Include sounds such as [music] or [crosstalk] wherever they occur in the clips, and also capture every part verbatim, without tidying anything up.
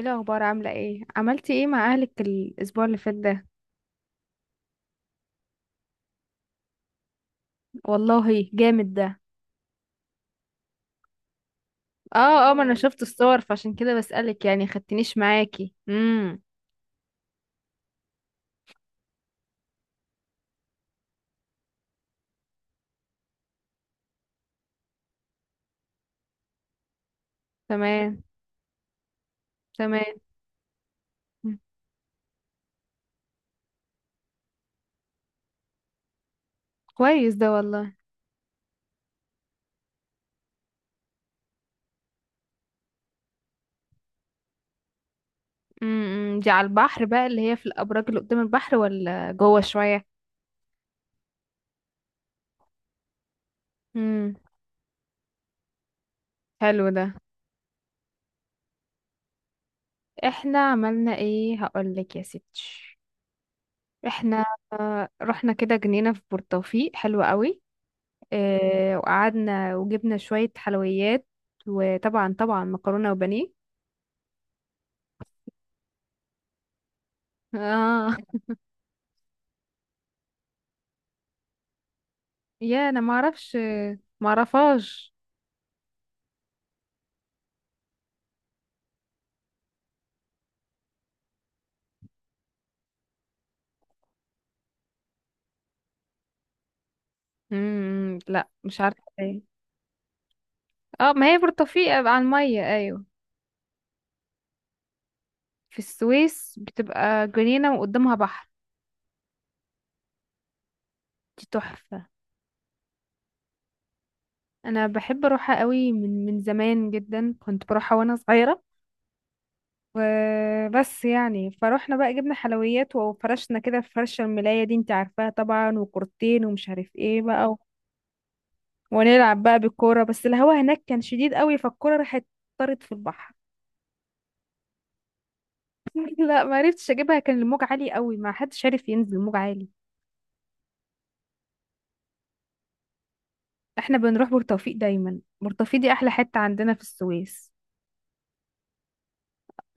ايه الاخبار؟ عامله ايه؟ عملتي ايه مع اهلك الاسبوع اللي فات ده؟ والله جامد ده. اه اه، ما انا اه شفت الصور، فعشان كده بسألك، يعني خدتنيش معاكي امم تمام، تمام. مم. كويس ده والله. امم دي على البحر بقى، اللي هي في الابراج اللي قدام البحر، ولا جوه شويه؟ امم حلو ده. احنا عملنا ايه؟ هقولك يا ستي. احنا آه، رحنا كده جنينه في بورتوفيق حلوه قوي. آه، وقعدنا وجبنا شوية حلويات، وطبعا طبعا مكرونة وبانيه. اه. يا انا ما اعرفش، ما اعرفهاش. امم لا، مش عارفة ايه. اه، ما هي برتقال على المية، ايوه. في السويس بتبقى جنينة وقدامها بحر. دي تحفة. انا بحب اروحها قوي من من زمان جدا، كنت بروحها وانا صغيرة. وبس يعني، فروحنا بقى جبنا حلويات وفرشنا كده في فرشة الملاية دي، انت عارفاها طبعا، وكورتين ومش عارف ايه بقى. ونلعب بقى بالكورة، بس الهوا هناك كان شديد قوي، فالكورة راحت، طارت في البحر. [laughs] لا، ما عرفتش اجيبها، كان الموج عالي قوي، ما حدش عارف ينزل، الموج عالي. احنا بنروح بورتوفيق دايما، بورتوفيق دي احلى حتة عندنا في السويس.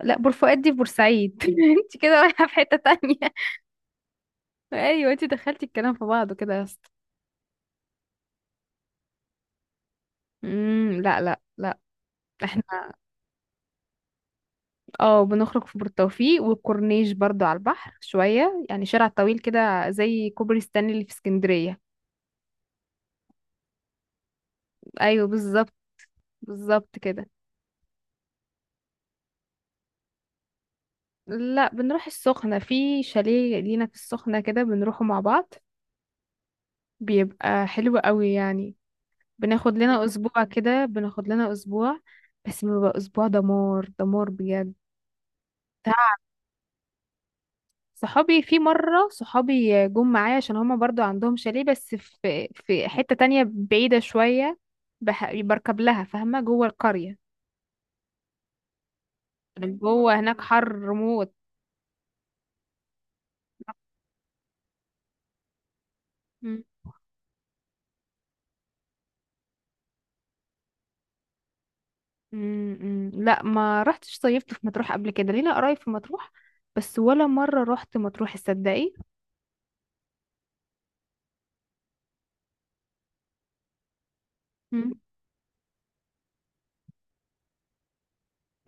لا، بورفؤاد دي في بورسعيد. [laughs] انت كده رايحة في حتة تانية. [laughs] ايوه، انت دخلتي الكلام في بعضه كده يا اسطى. امم لا، لا، لا. احنا اه بنخرج في بورتوفيق والكورنيش برضو على البحر شوية، يعني شارع طويل كده زي كوبري ستانلي اللي في اسكندرية. ايوه، بالظبط. بالظبط كده. لا، بنروح السخنة، في شاليه لينا في السخنة كده بنروحه مع بعض. بيبقى حلو قوي يعني. بناخد لنا [laughs] أسبوع كده، بناخد لنا أسبوع. بس بيبقى أسبوع دمار دمار بجد. تعب. صحابي في مرة، صحابي جم معايا عشان هما برضو عندهم شاليه، بس في في حتة تانية بعيدة شوية. بح... بركب لها فاهمة، جوه القرية. جوه هناك حر موت. امم لا، ما رحتش صيفت في مطروح قبل كده، لينا قرايب في مطروح. بس ولا مرة رحت مطروح، تصدقي؟ مم.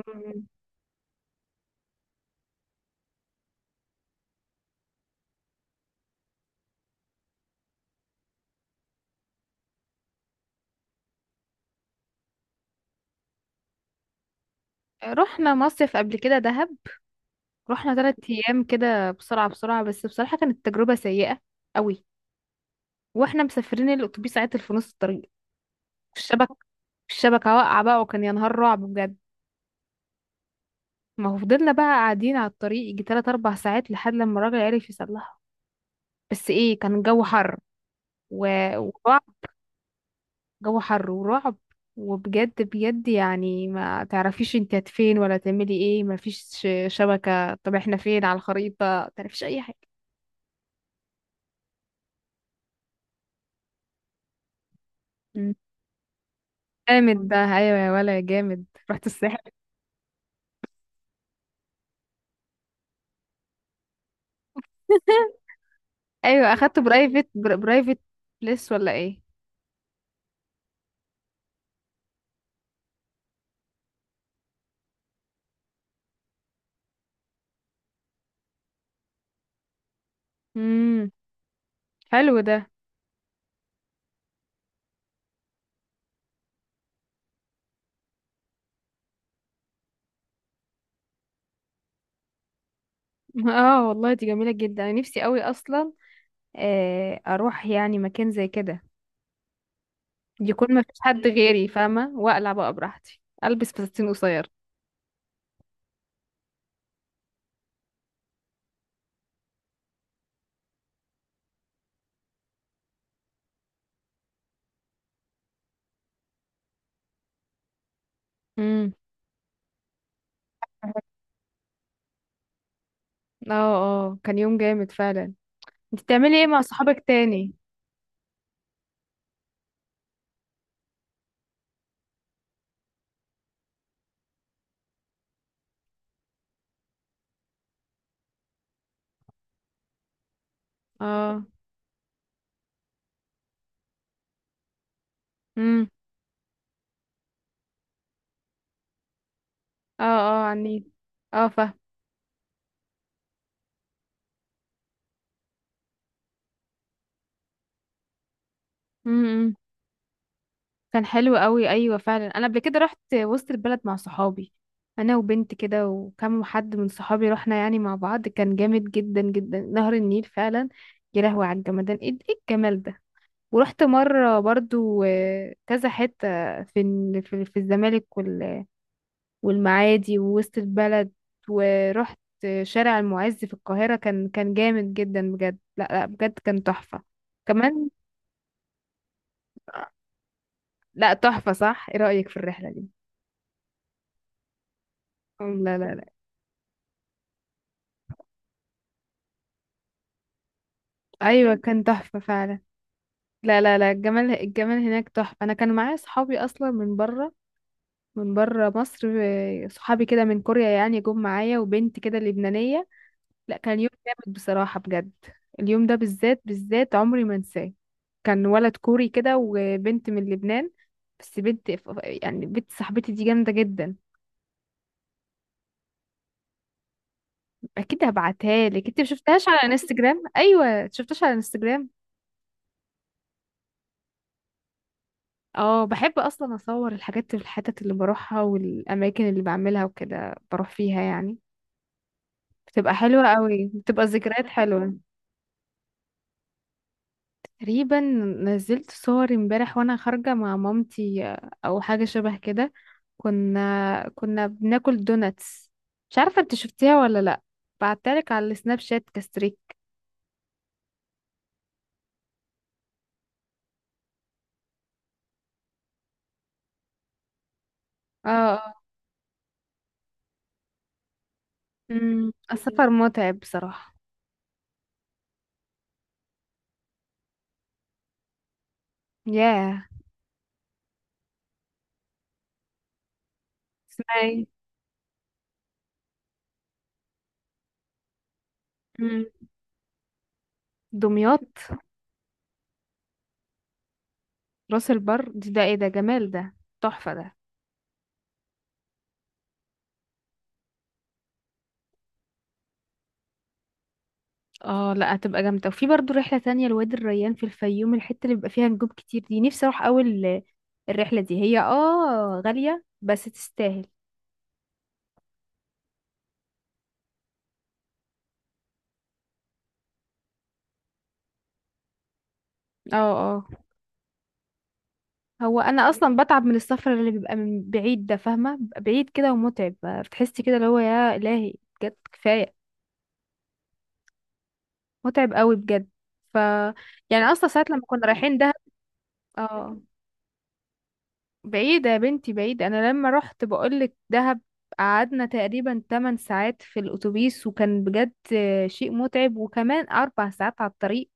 مم. رحنا مصيف قبل كده، دهب. رحنا ثلاث ايام كده بسرعة بسرعة، بس بصراحة كانت تجربة سيئة قوي. واحنا مسافرين، الاتوبيس عطل في نص الطريق. الشبك الشبكة واقعة بقى، وكان يا نهار رعب بجد. ما هو فضلنا بقى قاعدين على الطريق يجي تلات أربع ساعات، لحد لما الراجل عرف يصلحها. بس ايه، كان الجو حر و- ووقعة. جو حر ورعب. وبجد بجد، يعني ما تعرفيش انت فين ولا تعملي ايه، ما فيش شبكة، طب احنا فين على الخريطة؟ ما تعرفيش اي حاجة. مم. جامد بقى، ايوه يا ولا، يا جامد. رحت الساحل. [laughs] ايوه، اخدت برايفت. بر- برايفت بليس ولا ايه؟ امم حلو ده. [laughs] اه والله، دي جميلة جدا، انا نفسي قوي اصلا. آه، اروح يعني مكان زي كده، يكون ما فيش حد غيري فاهمة، واقلع بقى براحتي، البس فساتين قصير. امم اه اه، كان يوم جامد فعلا. انت بتعملي ايه مع صحابك تاني؟ اه. امم اه اه، عني. اه، فاهم. امم كان حلو قوي، ايوه فعلا. انا قبل كده رحت وسط البلد مع صحابي، انا وبنت كده، وكم حد من صحابي، رحنا يعني مع بعض، كان جامد جدا جدا نهر النيل فعلا. يا لهوي على الجمدان، ايه ايه الجمال ده! ورحت مره برضو آه، كذا حته في ال- في في الزمالك والمعادي ووسط البلد. ورحت شارع المعز في القاهرة، كان كان جامد جدا بجد، لا لا، بجد كان تحفة. كمان. لا تحفة صح. ايه رأيك في الرحلة دي؟ لا، لا، لا. ايوه، كان تحفة فعلا. لا، لا، لا، الجمال الجمال هناك تحفة، انا كان معايا صحابي اصلا من بره، من بره مصر. آه، صحابي كده من كوريا يعني، جم معايا، وبنت كده لبنانية. لا، كان يوم جامد بصراحة بجد. اليوم ده بالذات بالذات، عمري ما انساه. كان ولد كوري كده وبنت من لبنان. بس بنت ف- يعني بنت صاحبتي دي جامدة جدا. اكيد هبعتها لك. انت ما شفتهاش على انستجرام؟ ايوه شفتهاش على انستجرام. اه، بحب اصلا اصور الحاجات في الحتت اللي بروحها والاماكن اللي بعملها وكده، بروح فيها يعني. بتبقى حلوة قوي، بتبقى ذكريات حلوة. تقريبا، نزلت صور امبارح وانا خارجة مع مامتي، آه، او حاجة شبه كده. كنا كنا بناكل دوناتس. مش عارفة انت شفتيها ولا لا. بعتلك على السناب شات كستريك. اه اه. أمم، السفر متعب بصراحة. ياه. اسمعي. أمم، دمياط. راس البر دي، ده ايه ده جمال ده! تحفة ده. اه لا، هتبقى جامدة، وفي برضو رحلة تانية لوادي الريان في الفيوم، الحتة اللي بيبقى فيها نجوم كتير، دي نفسي اروح اول. الرحلة دي هي اه غالية بس تستاهل. اه اه. هو انا اصلا بتعب من السفر اللي بيبقى من بعيد ده، فاهمة؟ بيبقى بعيد كده ومتعب. بتحسي كده اللي هو، يا الهي. بجد كفاية. متعب قوي بجد. ف يعني اصلا ساعة لما كنا رايحين دهب. اه. بعيدة يا بنتي، بعيدة، أنا لما رحت بقولك دهب، قعدنا تقريبا ثمان ساعات في الأتوبيس، وكان بجد شيء متعب، وكمان أربع ساعات على الطريق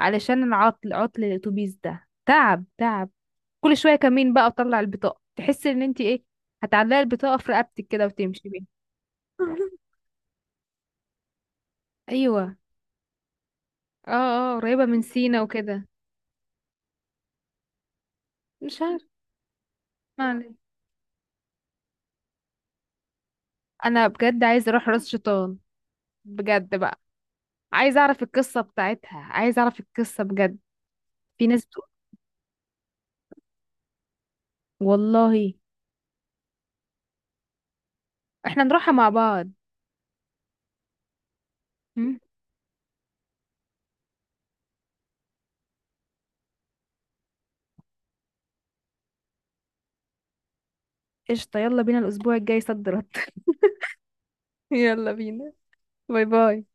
علشان العطل، عطل الأتوبيس، ده تعب تعب. كل شوية كمين بقى وطلع البطاقة، تحسي إن انتي ايه، هتعلقي البطاقة في رقبتك كده وتمشي بيها. [laughs] أيوة. اه اه، قريبة من سينا وكده. مش عارف. ما علينا. أنا بجد عايزة أروح راس شيطان. بجد بقى. عايزة أعرف القصة بتاعتها، عايزة أعرف القصة بجد. في ناس. والله. احنا نروحها مع بعض. مم. قشطة، يلا بينا الأسبوع الجاي، صد رد. [laughs] يلا بينا. باي باي.